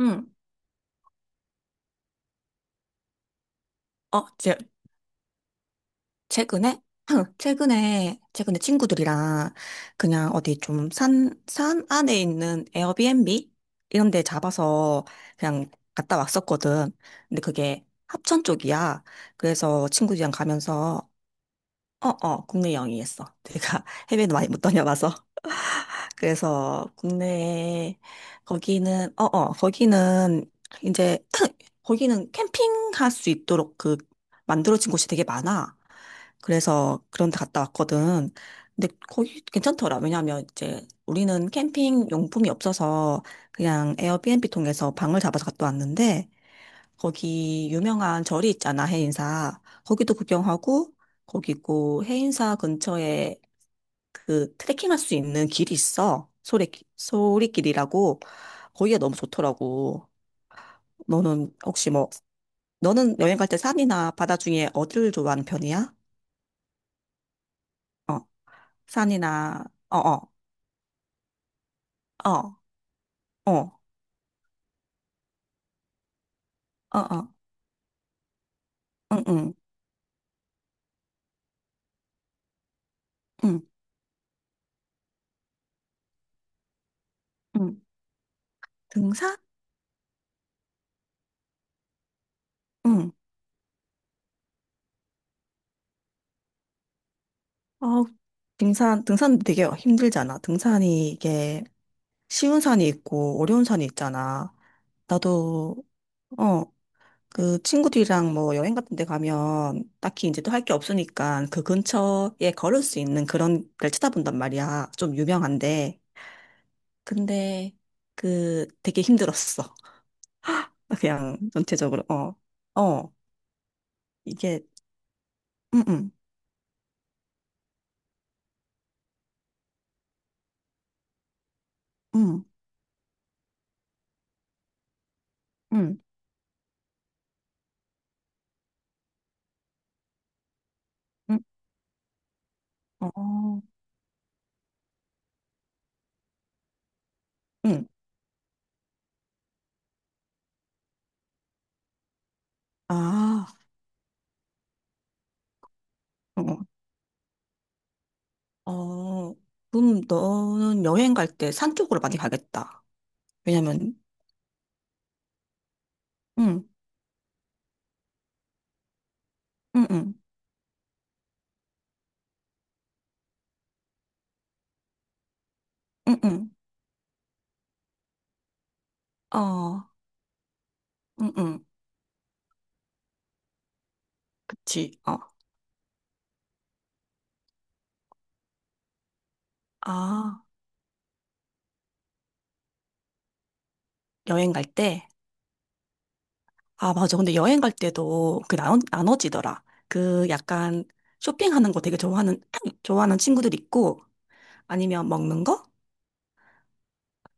응. 어, 제, 최근에? 최근에, 친구들이랑 그냥 어디 좀 산 안에 있는 에어비앤비? 이런 데 잡아서 그냥 갔다 왔었거든. 근데 그게 합천 쪽이야. 그래서 친구들이랑 가면서, 국내 여행이었어. 내가 해외는 많이 못 다녀봐서. 그래서 국내에 거기는 이제 거기는 캠핑할 수 있도록 그 만들어진 곳이 되게 많아. 그래서 그런 데 갔다 왔거든. 근데 거기 괜찮더라. 왜냐하면 이제 우리는 캠핑 용품이 없어서 그냥 에어비앤비 통해서 방을 잡아서 갔다 왔는데 거기 유명한 절이 있잖아, 해인사. 거기도 구경하고 거기 있고 해인사 근처에 그 트레킹할 수 있는 길이 있어. 소리길이라고. 거기가 너무 좋더라고. 너는 혹시 뭐, 너는 여행 갈 때 산이나 바다 중에 어디를 좋아하는 편이야? 어, 산이나, 어, 어, 어, 어, 어, 어, 응, 응, 응, 응. 등산? 응. 어, 등산 되게 힘들잖아. 등산이 이게 쉬운 산이 있고 어려운 산이 있잖아. 나도, 어, 그 친구들이랑 뭐 여행 같은 데 가면 딱히 이제 또 할 게 없으니까 그 근처에 걸을 수 있는 그런 데를 찾아본단 말이야. 좀 유명한데. 근데 그 되게 힘들었어. 그냥 전체적으로. 어. 어. 이게 음, 음, 음, 음, 음, 어, 음. 아. 어. 어. 그럼 너는 여행 갈 때 산 쪽으로 많이 가겠다. 왜냐면 음, 음, 음, 음, 음. 어. 음, 음. 그치. 어. 아, 여행 갈 때? 아, 맞아. 근데 여행 갈 때도 그 나눠지더라. 그 약간 쇼핑하는 거 되게 좋아하는, 좋아하는 친구들 있고, 아니면 먹는 거?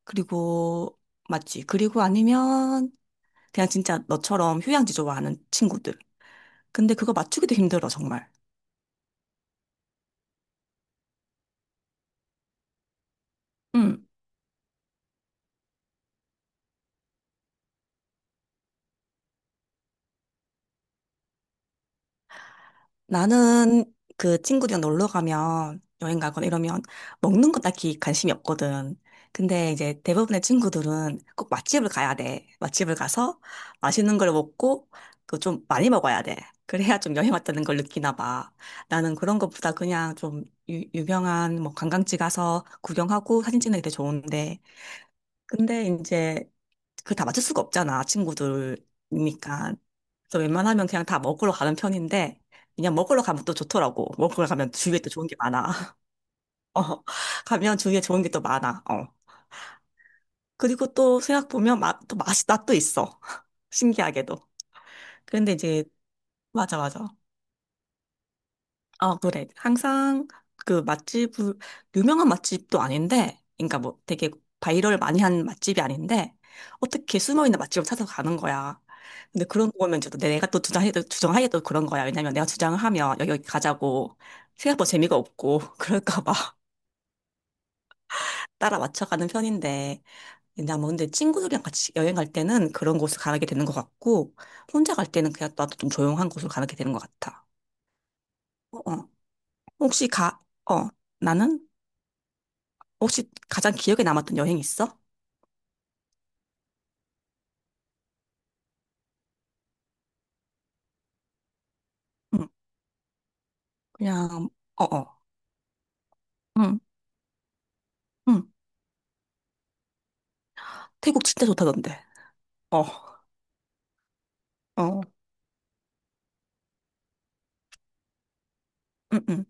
그리고, 맞지. 그리고 아니면 그냥 진짜 너처럼 휴양지 좋아하는 친구들. 근데 그거 맞추기도 힘들어, 정말. 응. 나는 그 친구들이랑 놀러 가면 여행 가거나 이러면 먹는 거 딱히 관심이 없거든. 근데 이제 대부분의 친구들은 꼭 맛집을 가야 돼. 맛집을 가서 맛있는 걸 먹고 또 좀 많이 먹어야 돼. 그래야 좀 여행 왔다는 걸 느끼나 봐. 나는 그런 것보다 그냥 좀 유명한 뭐 관광지 가서 구경하고 사진 찍는 게 되게 좋은데 근데 이제 그걸 다 맞출 수가 없잖아, 친구들이니까. 그래서 웬만하면 그냥 다 먹으러 가는 편인데, 그냥 먹으러 가면 또 좋더라고. 먹으러 가면 주위에 또 좋은 게 많아. 어, 가면 주위에 좋은 게 또 많아. 어. 그리고 또 생각 보면 맛도 있어. 신기하게도. 그런데 이제, 맞아, 맞아. 아, 그래. 항상 그 맛집을, 유명한 맛집도 아닌데, 그러니까 뭐 되게 바이럴 많이 한 맛집이 아닌데, 어떻게 숨어있는 맛집을 찾아가는 거야. 근데 그런 거 보면 이제 또 내가 또 주장해도, 주장하기도 그런 거야. 왜냐면 내가 주장을 하면 여기 가자고 생각보다 재미가 없고, 그럴까 봐 따라 맞춰가는 편인데, 왜냐뭐 근데 친구들이랑 같이 여행 갈 때는 그런 곳을 가게 되는 것 같고, 혼자 갈 때는 그냥 나도 좀 조용한 곳을 가게 되는 것 같아. 어, 어. 혹시 가, 어, 나는? 혹시 가장 기억에 남았던 여행 있어? 응, 그냥, 어어, 응, 응. 태국 진짜 좋다던데. 어, 어, 응, 응,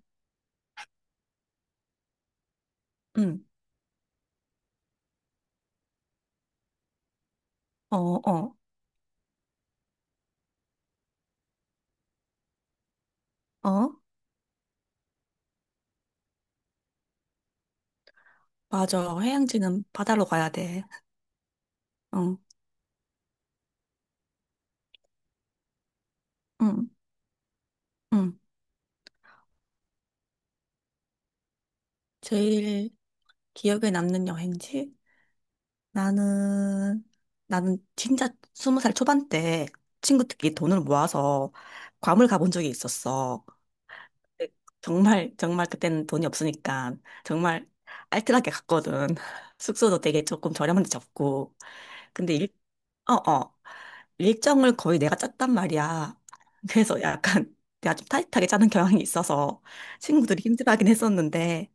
응, 어, 어, 어. 맞아. 해양지는 바다로 가야 돼. 응, 응, 응. 제일 기억에 남는 여행지? 나는, 나는 진짜 20살 초반 때 친구들끼리 돈을 모아서 괌을 가본 적이 있었어. 정말 정말 그때는 돈이 없으니까 정말 알뜰하게 갔거든. 숙소도 되게 조금 저렴한데 잡고. 근데 어, 어. 일정을 거의 내가 짰단 말이야. 그래서 약간 내가 좀 타이트하게 짜는 경향이 있어서 친구들이 힘들어하긴 했었는데,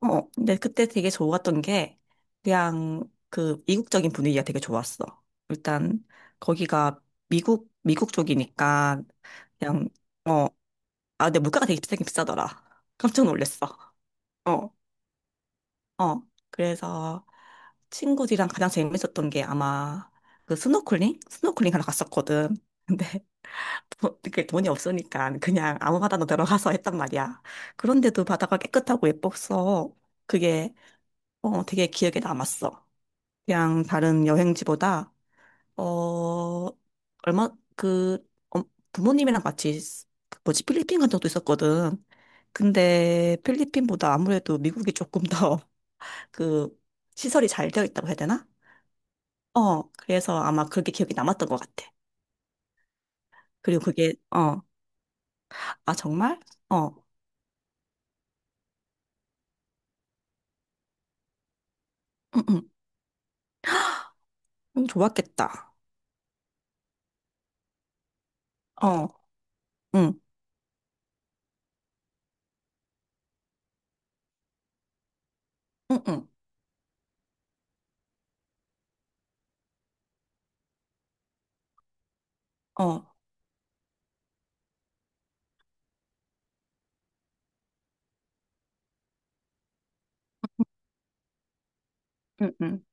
어, 어. 근데 그때 되게 좋았던 게 그냥 그 이국적인 분위기가 되게 좋았어. 일단 거기가 미국 쪽이니까 그냥 어, 아, 근데 물가가 되게 비싸긴 비싸더라. 깜짝 놀랐어. 어, 어. 그래서 친구들이랑 가장 재밌었던 게 아마 그 스노클링? 스노클링 하러 갔었거든. 근데 그 돈이 없으니까 그냥 아무 바다나 들어가서 했단 말이야. 그런데도 바다가 깨끗하고 예뻤어. 그게 되게 기억에 남았어. 그냥 다른 여행지보다 어, 얼마, 그, 어, 부모님이랑 같이, 그 뭐지, 필리핀 간 적도 있었거든. 근데 필리핀보다 아무래도 미국이 조금 더 그, 시설이 잘 되어 있다고 해야 되나? 어, 그래서 아마 그게 기억이 남았던 것 같아. 그리고 그게, 어, 아, 정말? 어, 응, 응, 응, 좋았겠다. 어, 응, 응, 응, 어, 응, 응,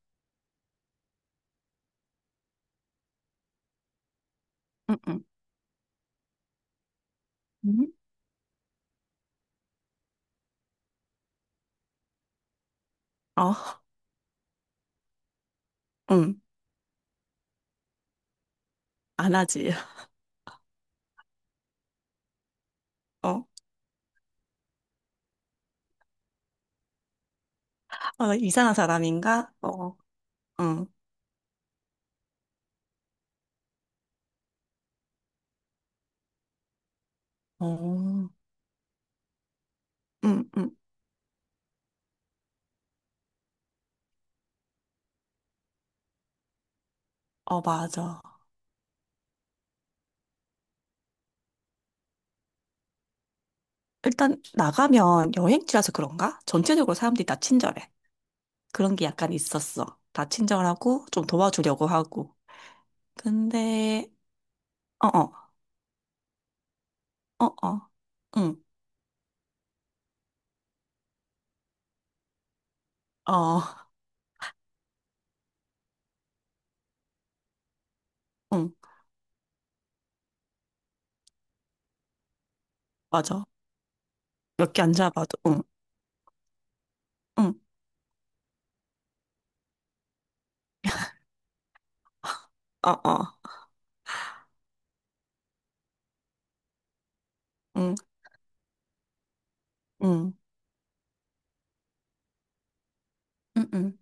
응, 응, 응? 어, 응, 안 하지. 어, 어, 이상한 사람인가? 어, 응. 어. 음, 음. 어, 맞아. 일단 나가면 여행지라서 그런가? 전체적으로 사람들이 다 친절해. 그런 게 약간 있었어. 다 친절하고 좀 도와주려고 하고. 근데 어, 어, 어, 어. 응. 어. 응. 맞아. 몇 개 안 잡아도 응. 응. 어, 어. 응. 응. 응. 응.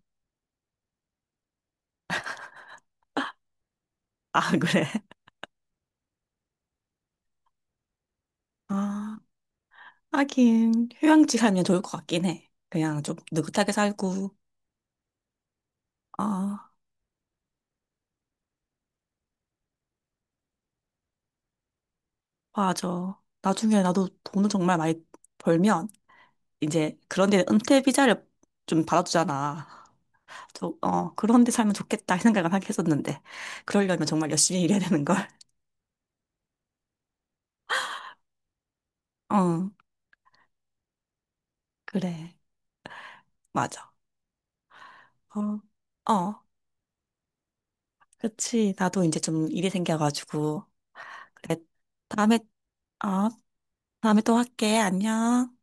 아, 그래. 아, 하긴 휴양지 살면 좋을 것 같긴 해. 그냥 좀 느긋하게 살고. 아, 맞아. 나중에 나도 돈을 정말 많이 벌면 이제 그런 데 은퇴 비자를 좀 받아주잖아. 저, 그런 데 살면 좋겠다 이 생각을 하긴 했었는데 그러려면 정말 열심히 일해야 되는 걸. 어, 그래. 맞아. 어, 어, 그치. 나도 이제 좀 일이 생겨가지고. 그래. 다음에, 어, 다음에 또 할게. 안녕.